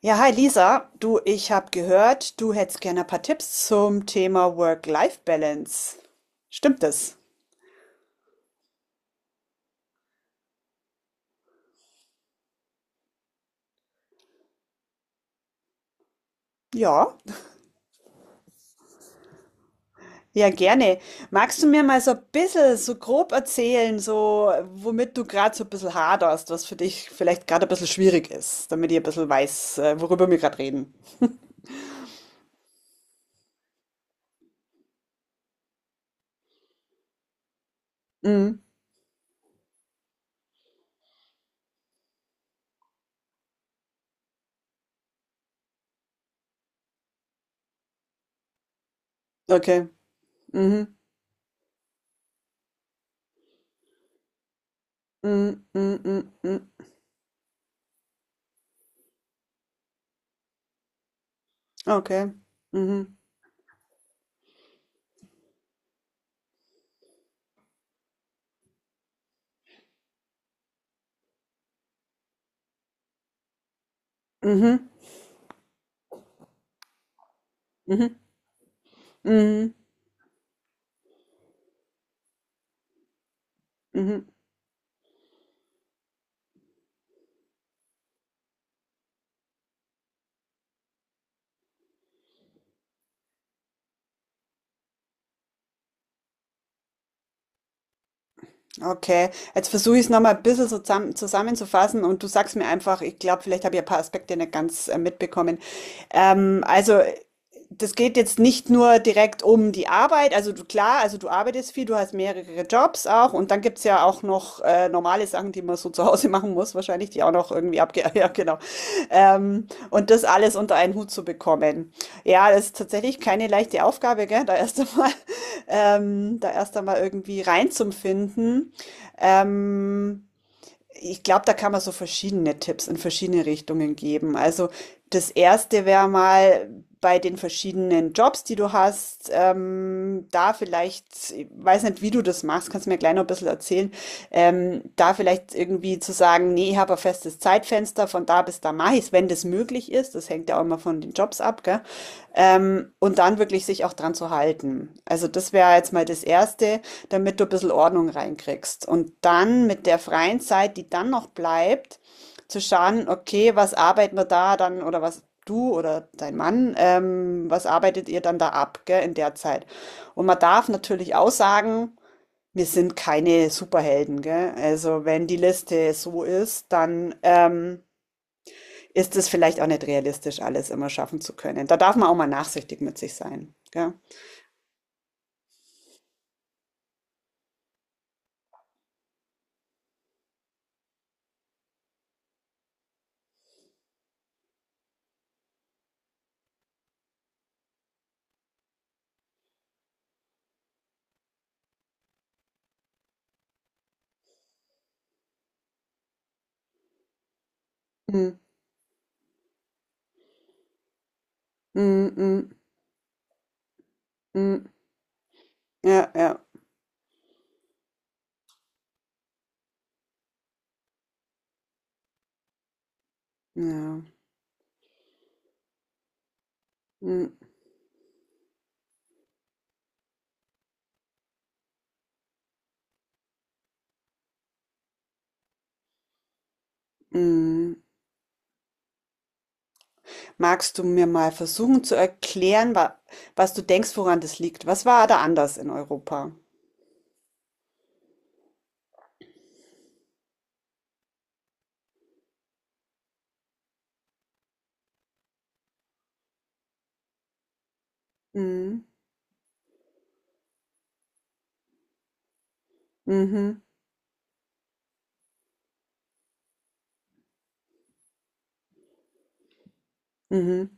Ja, hi Lisa, du, ich habe gehört, du hättest gerne ein paar Tipps zum Thema Work-Life-Balance. Stimmt das? Ja, ja, gerne. Magst du mir mal so ein bisschen, so grob erzählen, so womit du gerade so ein bisschen haderst, was für dich vielleicht gerade ein bisschen schwierig ist, damit ich ein bisschen weiß, worüber wir gerade reden? Mhm. Okay. Mhm. Mhm. Mhm. Mhm. Mhm. Okay. Mhm. Mhm. Mhm. Mhm. Mhm. Okay, jetzt versuche ich es nochmal ein bisschen so zusammenzufassen und du sagst mir einfach. Ich glaube, vielleicht habe ich ein paar Aspekte nicht ganz mitbekommen. Ähm, also, äh, Das geht jetzt nicht nur direkt um die Arbeit, also du, klar, also du arbeitest viel, du hast mehrere Jobs auch, und dann gibt es ja auch noch normale Sachen, die man so zu Hause machen muss, wahrscheinlich, die auch noch irgendwie abge... Ja, genau. Und das alles unter einen Hut zu bekommen. Ja, das ist tatsächlich keine leichte Aufgabe, gell? Da erst einmal, da erst einmal irgendwie reinzufinden. Ähm, Ich glaube, da kann man so verschiedene Tipps in verschiedene Richtungen geben. Also das Erste wäre mal bei den verschiedenen Jobs, die du hast, da vielleicht, ich weiß nicht, wie du das machst, kannst du mir gleich noch ein bisschen erzählen, da vielleicht irgendwie zu sagen, nee, ich habe ein festes Zeitfenster, von da bis da mache ich es, wenn das möglich ist. Das hängt ja auch immer von den Jobs ab, gell? Und dann wirklich sich auch dran zu halten. Also das wäre jetzt mal das Erste, damit du ein bisschen Ordnung reinkriegst. Und dann mit der freien Zeit, die dann noch bleibt, zu schauen, okay, was arbeiten wir da dann, oder was du oder dein Mann, was arbeitet ihr dann da ab, gell, in der Zeit. Und man darf natürlich auch sagen, wir sind keine Superhelden, gell. Also wenn die Liste so ist, dann ist es vielleicht auch nicht realistisch, alles immer schaffen zu können. Da darf man auch mal nachsichtig mit sich sein. Gell? Mm, mm, mm, mm. Ja, ja, ja. Mm, mm. Magst du mir mal versuchen zu erklären, wa was du denkst, woran das liegt? Was war da anders in Europa? Mm, mhm, mhm.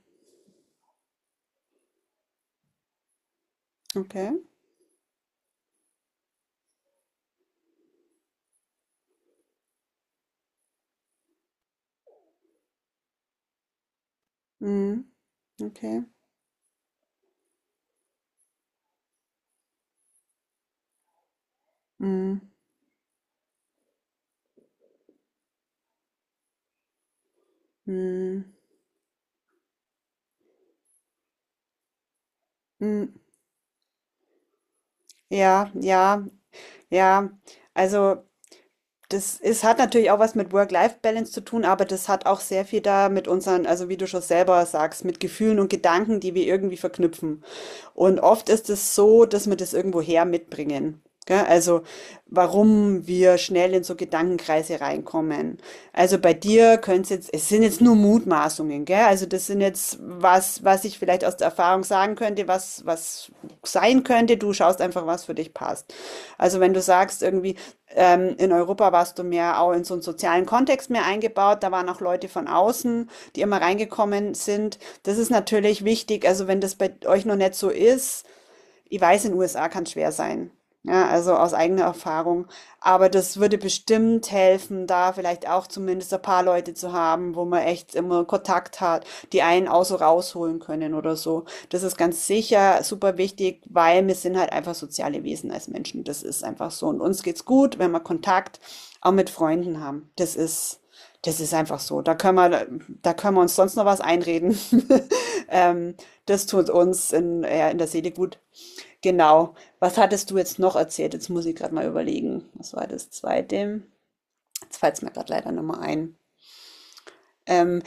Okay. Mm, okay. Mm, mm, mm. Ja, ja, ja. Also das ist, hat natürlich auch was mit Work-Life-Balance zu tun, aber das hat auch sehr viel da mit unseren, also wie du schon selber sagst, mit Gefühlen und Gedanken, die wir irgendwie verknüpfen. Und oft ist es so, dass wir das irgendwoher mitbringen. Gell? Also, warum wir schnell in so Gedankenkreise reinkommen. Also bei dir könnte es jetzt, es sind jetzt nur Mutmaßungen, gell? Also das sind jetzt was, was ich vielleicht aus der Erfahrung sagen könnte, was, was sein könnte. Du schaust einfach, was für dich passt. Also wenn du sagst, irgendwie, in Europa warst du mehr auch in so einen sozialen Kontext mehr eingebaut, da waren auch Leute von außen, die immer reingekommen sind. Das ist natürlich wichtig. Also wenn das bei euch noch nicht so ist, ich weiß, in den USA kann es schwer sein. Ja, also aus eigener Erfahrung. Aber das würde bestimmt helfen, da vielleicht auch zumindest ein paar Leute zu haben, wo man echt immer Kontakt hat, die einen auch so rausholen können oder so. Das ist ganz sicher super wichtig, weil wir sind halt einfach soziale Wesen als Menschen. Das ist einfach so. Und uns geht's gut, wenn wir Kontakt auch mit Freunden haben. Das ist einfach so. Da können wir uns sonst noch was einreden. Ähm, Das tut uns in, ja, in der Seele gut. Genau. Was hattest du jetzt noch erzählt? Jetzt muss ich gerade mal überlegen. Was war das Zweite? Jetzt fällt es mir gerade leider nochmal ein. Ähm,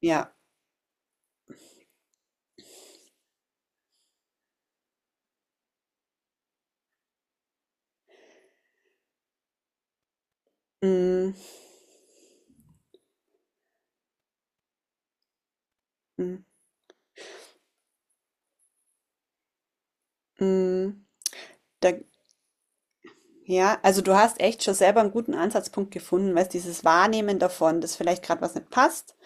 ja. Mm, mm, mm. Da, ja, also du hast echt schon selber einen guten Ansatzpunkt gefunden, weißt, dieses Wahrnehmen davon, dass vielleicht gerade was nicht passt.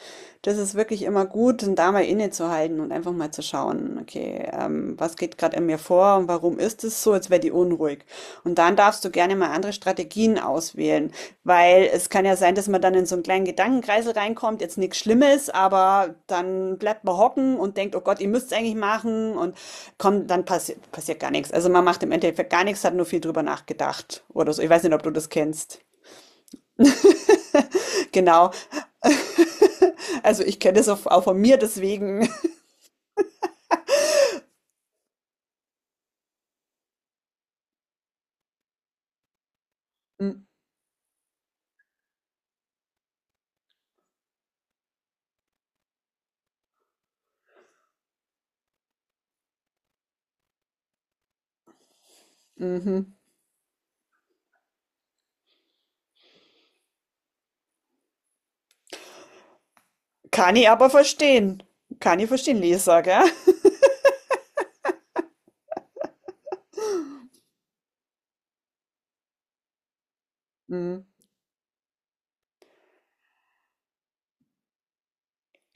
Das ist wirklich immer gut, dann da mal innezuhalten und einfach mal zu schauen, okay, was geht gerade in mir vor und warum ist es so, als wäre die unruhig. Und dann darfst du gerne mal andere Strategien auswählen, weil es kann ja sein, dass man dann in so einen kleinen Gedankenkreisel reinkommt, jetzt nichts Schlimmes, aber dann bleibt man hocken und denkt, oh Gott, ihr müsst es eigentlich machen und kommt, dann passiert gar nichts. Also man macht im Endeffekt gar nichts, hat nur viel drüber nachgedacht oder so. Ich weiß nicht, ob du das kennst. Genau. Also ich kenne das auch, auch von mir, deswegen. Mhm. Kann ich aber verstehen. Kann ich verstehen, Lisa, gell? Mhm.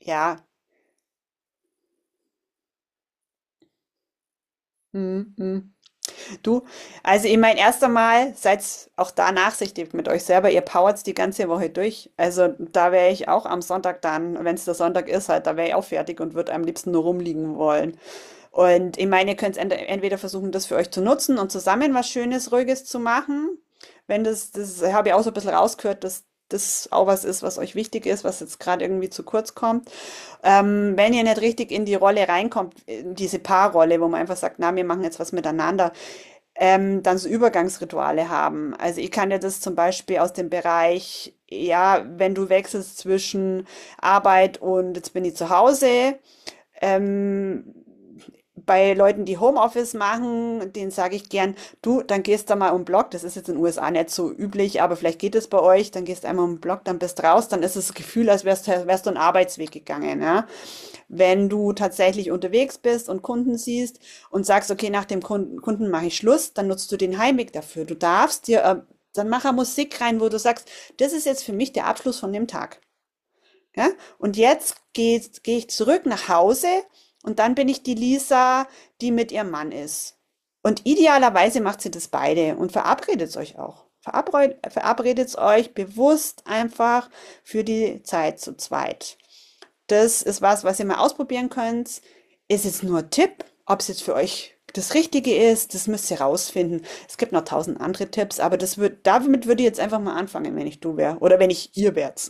Ja. Mhm, mhm. Du, also ich meine, erst einmal seid auch da nachsichtig mit euch selber. Ihr powert's die ganze Woche durch. Also da wäre ich auch am Sonntag dann, wenn es der Sonntag ist, halt, da wäre ich auch fertig und würde am liebsten nur rumliegen wollen. Und ich meine, ihr könnt entweder versuchen, das für euch zu nutzen und zusammen was Schönes, Ruhiges zu machen. Wenn das, das habe ich auch so ein bisschen rausgehört, dass das auch was ist, was euch wichtig ist, was jetzt gerade irgendwie zu kurz kommt. Wenn ihr nicht richtig in die Rolle reinkommt, in diese Paarrolle, wo man einfach sagt, na, wir machen jetzt was miteinander, dann so Übergangsrituale haben. Also ich kann ja das zum Beispiel aus dem Bereich, ja, wenn du wechselst zwischen Arbeit und jetzt bin ich zu Hause, ähm, bei Leuten, die Homeoffice machen, denen sage ich gern, du, dann gehst da mal um den Block, das ist jetzt in den USA nicht so üblich, aber vielleicht geht es bei euch, dann gehst einmal um den Block, dann bist raus, dann ist das Gefühl, als wärst, wärst du einen Arbeitsweg gegangen, ja. Wenn du tatsächlich unterwegs bist und Kunden siehst und sagst, okay, nach dem Kunden, Kunden mache ich Schluss, dann nutzt du den Heimweg dafür. Du darfst dir, dann mach Musik rein, wo du sagst, das ist jetzt für mich der Abschluss von dem Tag. Ja? Und jetzt geh ich zurück nach Hause und dann bin ich die Lisa, die mit ihrem Mann ist. Und idealerweise macht sie das beide und verabredet euch auch. Verabredet euch bewusst einfach für die Zeit zu zweit. Das ist was, was ihr mal ausprobieren könnt. Ist jetzt nur ein Tipp, ob es jetzt für euch das Richtige ist, das müsst ihr rausfinden. Es gibt noch tausend andere Tipps, aber das würd, damit würde ich jetzt einfach mal anfangen, wenn ich du wäre oder wenn ich ihr wärt.